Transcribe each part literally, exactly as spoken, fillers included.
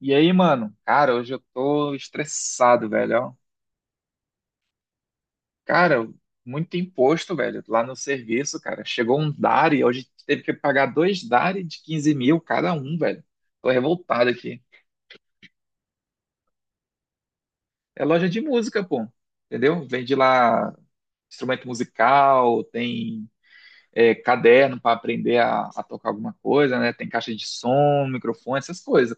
E aí, mano? Cara, hoje eu tô estressado, velho. Ó. Cara, muito imposto, velho, lá no serviço, cara. Chegou um D A R I, hoje teve que pagar dois D A R I de quinze mil cada um, velho. Tô revoltado aqui. É loja de música, pô. Entendeu? Vende lá instrumento musical, tem é, caderno pra aprender a, a tocar alguma coisa, né? Tem caixa de som, microfone, essas coisas.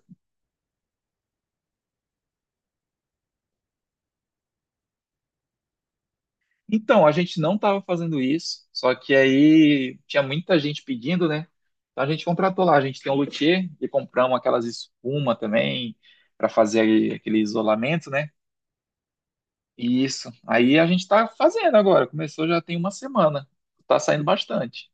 Então, a gente não estava fazendo isso, só que aí tinha muita gente pedindo, né? Então a gente contratou lá, a gente tem um luthier e compramos aquelas espuma também para fazer aquele isolamento, né? E isso. Aí a gente está fazendo agora, começou já tem uma semana. Tá saindo bastante.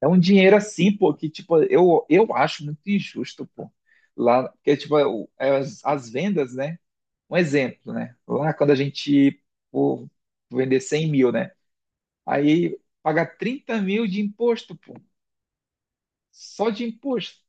É um dinheiro assim, pô, que tipo, eu, eu acho muito injusto, pô. Lá, porque tipo, eu- é as, as vendas, né? Um exemplo, né? Lá quando a gente, pô, vender cem mil, né? Aí paga trinta mil de imposto, pô. Só de imposto.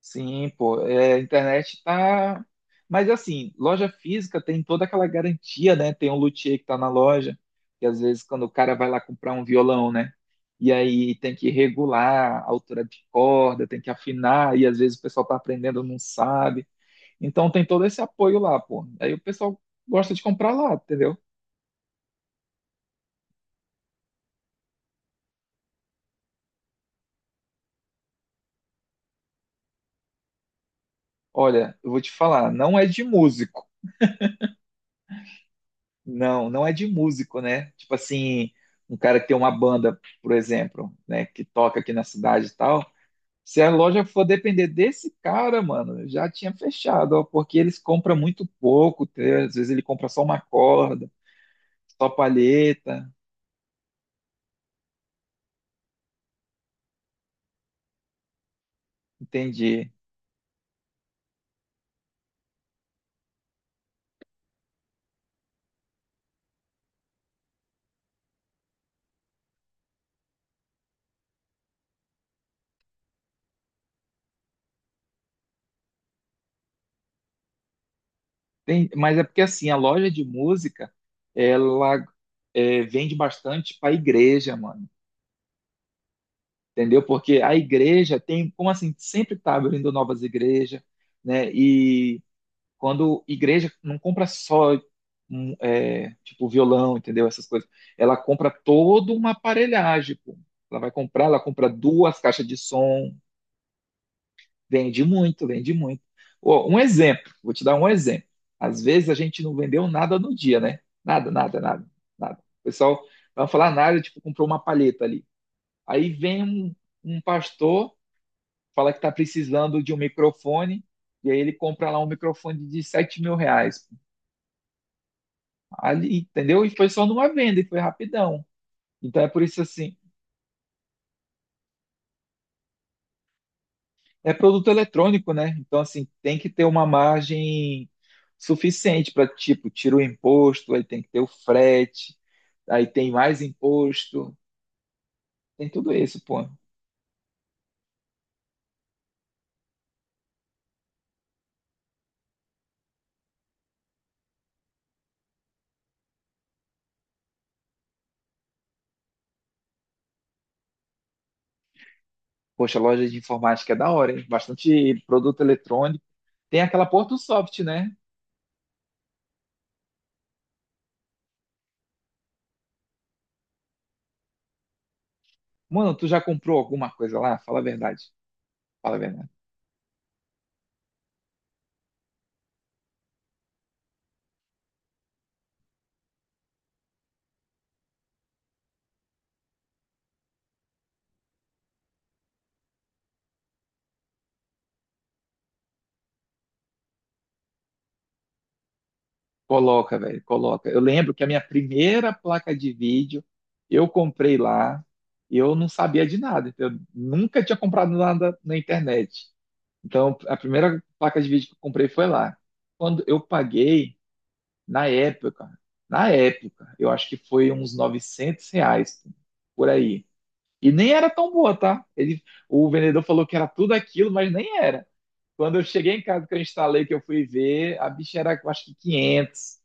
Sim, pô. É, a internet tá. Mas assim, loja física tem toda aquela garantia, né? Tem um luthier que tá na loja, que às vezes quando o cara vai lá comprar um violão, né? E aí tem que regular a altura de corda, tem que afinar, e às vezes o pessoal tá aprendendo, não sabe. Então tem todo esse apoio lá, pô. Aí o pessoal gosta de comprar lá, entendeu? Olha, eu vou te falar, não é de músico. Não, não é de músico, né? Tipo assim, um cara que tem uma banda, por exemplo, né, que toca aqui na cidade e tal. Se a loja for depender desse cara, mano, já tinha fechado, ó, porque eles compram muito pouco, entendeu? Às vezes ele compra só uma corda, só palheta, entendi. Tem- mas é porque assim, a loja de música, ela é, vende bastante para igreja, mano, entendeu? Porque a igreja tem, como assim, sempre tá abrindo novas igrejas, né? E quando igreja não compra só um, é, tipo violão, entendeu? Essas coisas. Ela compra toda uma aparelhagem, pô. Ela vai comprar, ela compra duas caixas de som, vende muito, vende muito. Ó, um exemplo, vou te dar um exemplo. Às vezes a gente não vendeu nada no dia, né? Nada, nada, nada, nada. O pessoal não vai falar nada, tipo, comprou uma palheta ali. Aí vem um, um pastor, fala que está precisando de um microfone, e aí ele compra lá um microfone de sete mil reais. Ali, entendeu? E foi só numa venda e foi rapidão. Então é por isso assim, é produto eletrônico, né? Então assim, tem que ter uma margem suficiente para tipo, tira o imposto, aí tem que ter o frete, aí tem mais imposto, tem tudo isso, pô. Poxa, loja de informática é da hora, hein? Bastante produto eletrônico. Tem aquela Porto Soft, né? Mano, tu já comprou alguma coisa lá? Fala a verdade. Fala a verdade. Coloca, velho, coloca. Eu lembro que a minha primeira placa de vídeo eu comprei lá e eu não sabia de nada. Então eu nunca tinha comprado nada na internet. Então, a primeira placa de vídeo que eu comprei foi lá. Quando eu paguei, na época, na época, eu acho que foi uns novecentos reais por aí. E nem era tão boa, tá? Ele, o vendedor falou que era tudo aquilo, mas nem era. Quando eu cheguei em casa que eu instalei, que eu fui ver, a bicha era, eu acho que quinhentos.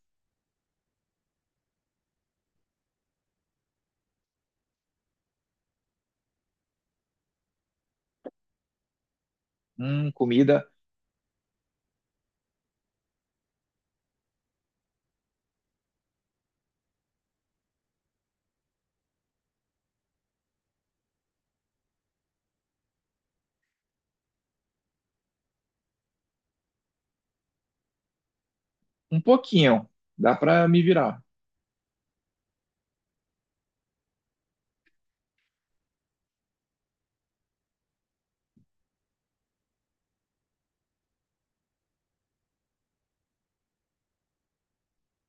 Hum, comida. Um pouquinho, dá pra me virar.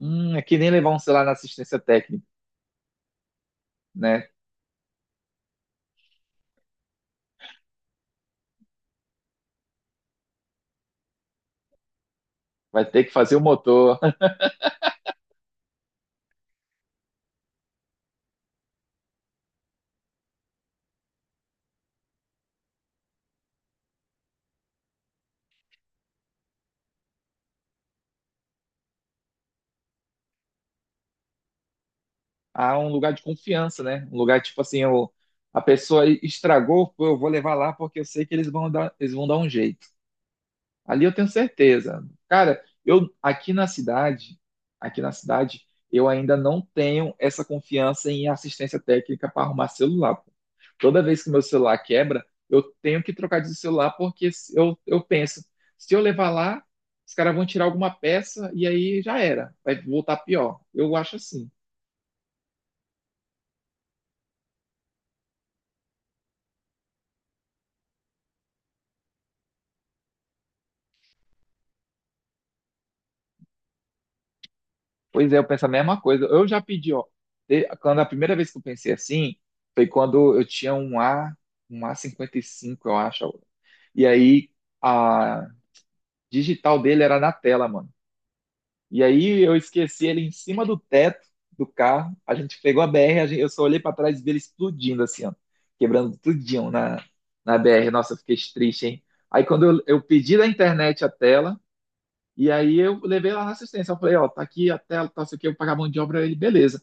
Hum, é que nem levar um celular na assistência técnica, né? Vai ter que fazer o motor. Há um lugar de confiança, né? Um lugar tipo assim, eu, a pessoa estragou, pô, eu vou levar lá porque eu sei que eles vão dar, eles vão dar um jeito. Ali eu tenho certeza. Cara, eu aqui na cidade, aqui na cidade, eu ainda não tenho essa confiança em assistência técnica para arrumar celular, pô. Toda vez que meu celular quebra, eu tenho que trocar de celular porque se- eu, eu penso, se eu levar lá, os caras vão tirar alguma peça e aí já era, vai voltar pior. Eu acho assim. Pois é, eu penso a mesma coisa. Eu já pedi, ó, te- quando a primeira vez que eu pensei assim, foi quando eu tinha um A, um a cinquenta e cinco, eu acho. E aí a digital dele era na tela, mano. E aí eu esqueci ele em cima do teto do carro. A gente pegou a B R, a gente- eu só olhei pra trás e vi ele explodindo assim, ó, quebrando tudinho na, na B R. Nossa, eu fiquei triste, hein? Aí quando eu, eu pedi da internet a tela, e aí eu levei lá na assistência. Eu falei, ó, tá aqui a tela, tá, isso que eu pagar a mão de obra. Ele, beleza.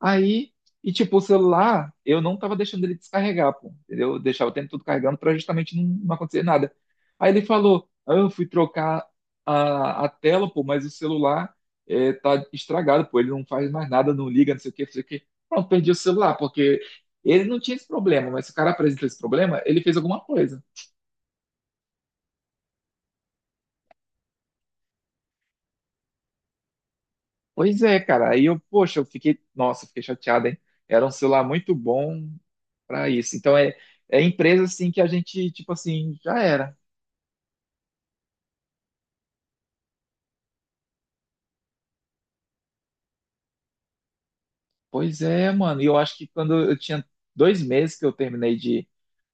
Aí, e tipo, o celular, eu não tava deixando ele descarregar, pô, entendeu? Eu deixava o tempo todo carregando pra justamente não, não acontecer nada. Aí ele falou, ah, eu fui trocar a, a tela, pô, mas o celular é, tá estragado, pô, ele não faz mais nada, não liga, não sei o que, não sei o que. Pronto, perdi o celular, porque ele não tinha esse problema, mas se o cara apresenta esse problema, ele fez alguma coisa. Pois é, cara. Aí eu, poxa, eu fiquei, nossa, eu fiquei chateado, hein? Era um celular muito bom pra isso. Então é, é empresa assim que a gente, tipo assim, já era. Pois é, mano. E eu acho que quando eu tinha dois meses que eu terminei de,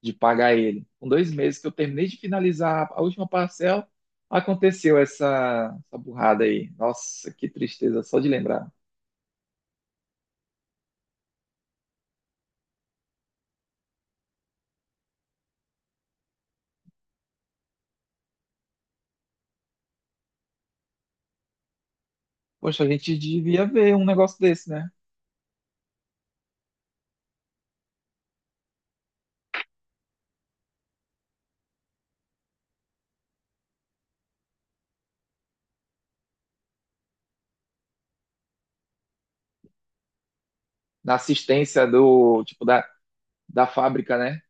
de pagar ele, com dois meses que eu terminei de finalizar a última parcela, aconteceu essa, essa burrada aí. Nossa, que tristeza só de lembrar. Poxa, a gente devia ver um negócio desse, né? Na assistência do, tipo, da, da fábrica, né?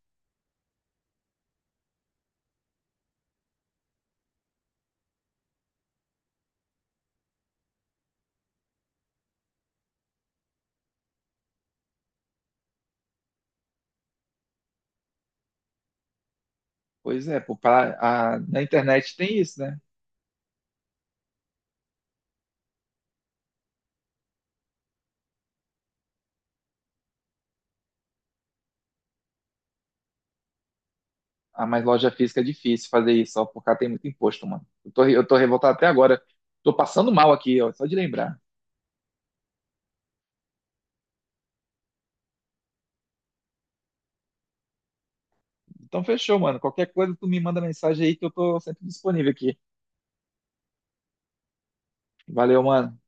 Pois é, pô, pra- a- na internet tem isso, né? Ah, mas loja física é difícil fazer isso, ó, por cá tem muito imposto, mano. Eu tô, re- eu tô revoltado até agora. Tô passando mal aqui, ó, só de lembrar. Então fechou, mano. Qualquer coisa, tu me manda mensagem aí que eu tô sempre disponível aqui. Valeu, mano.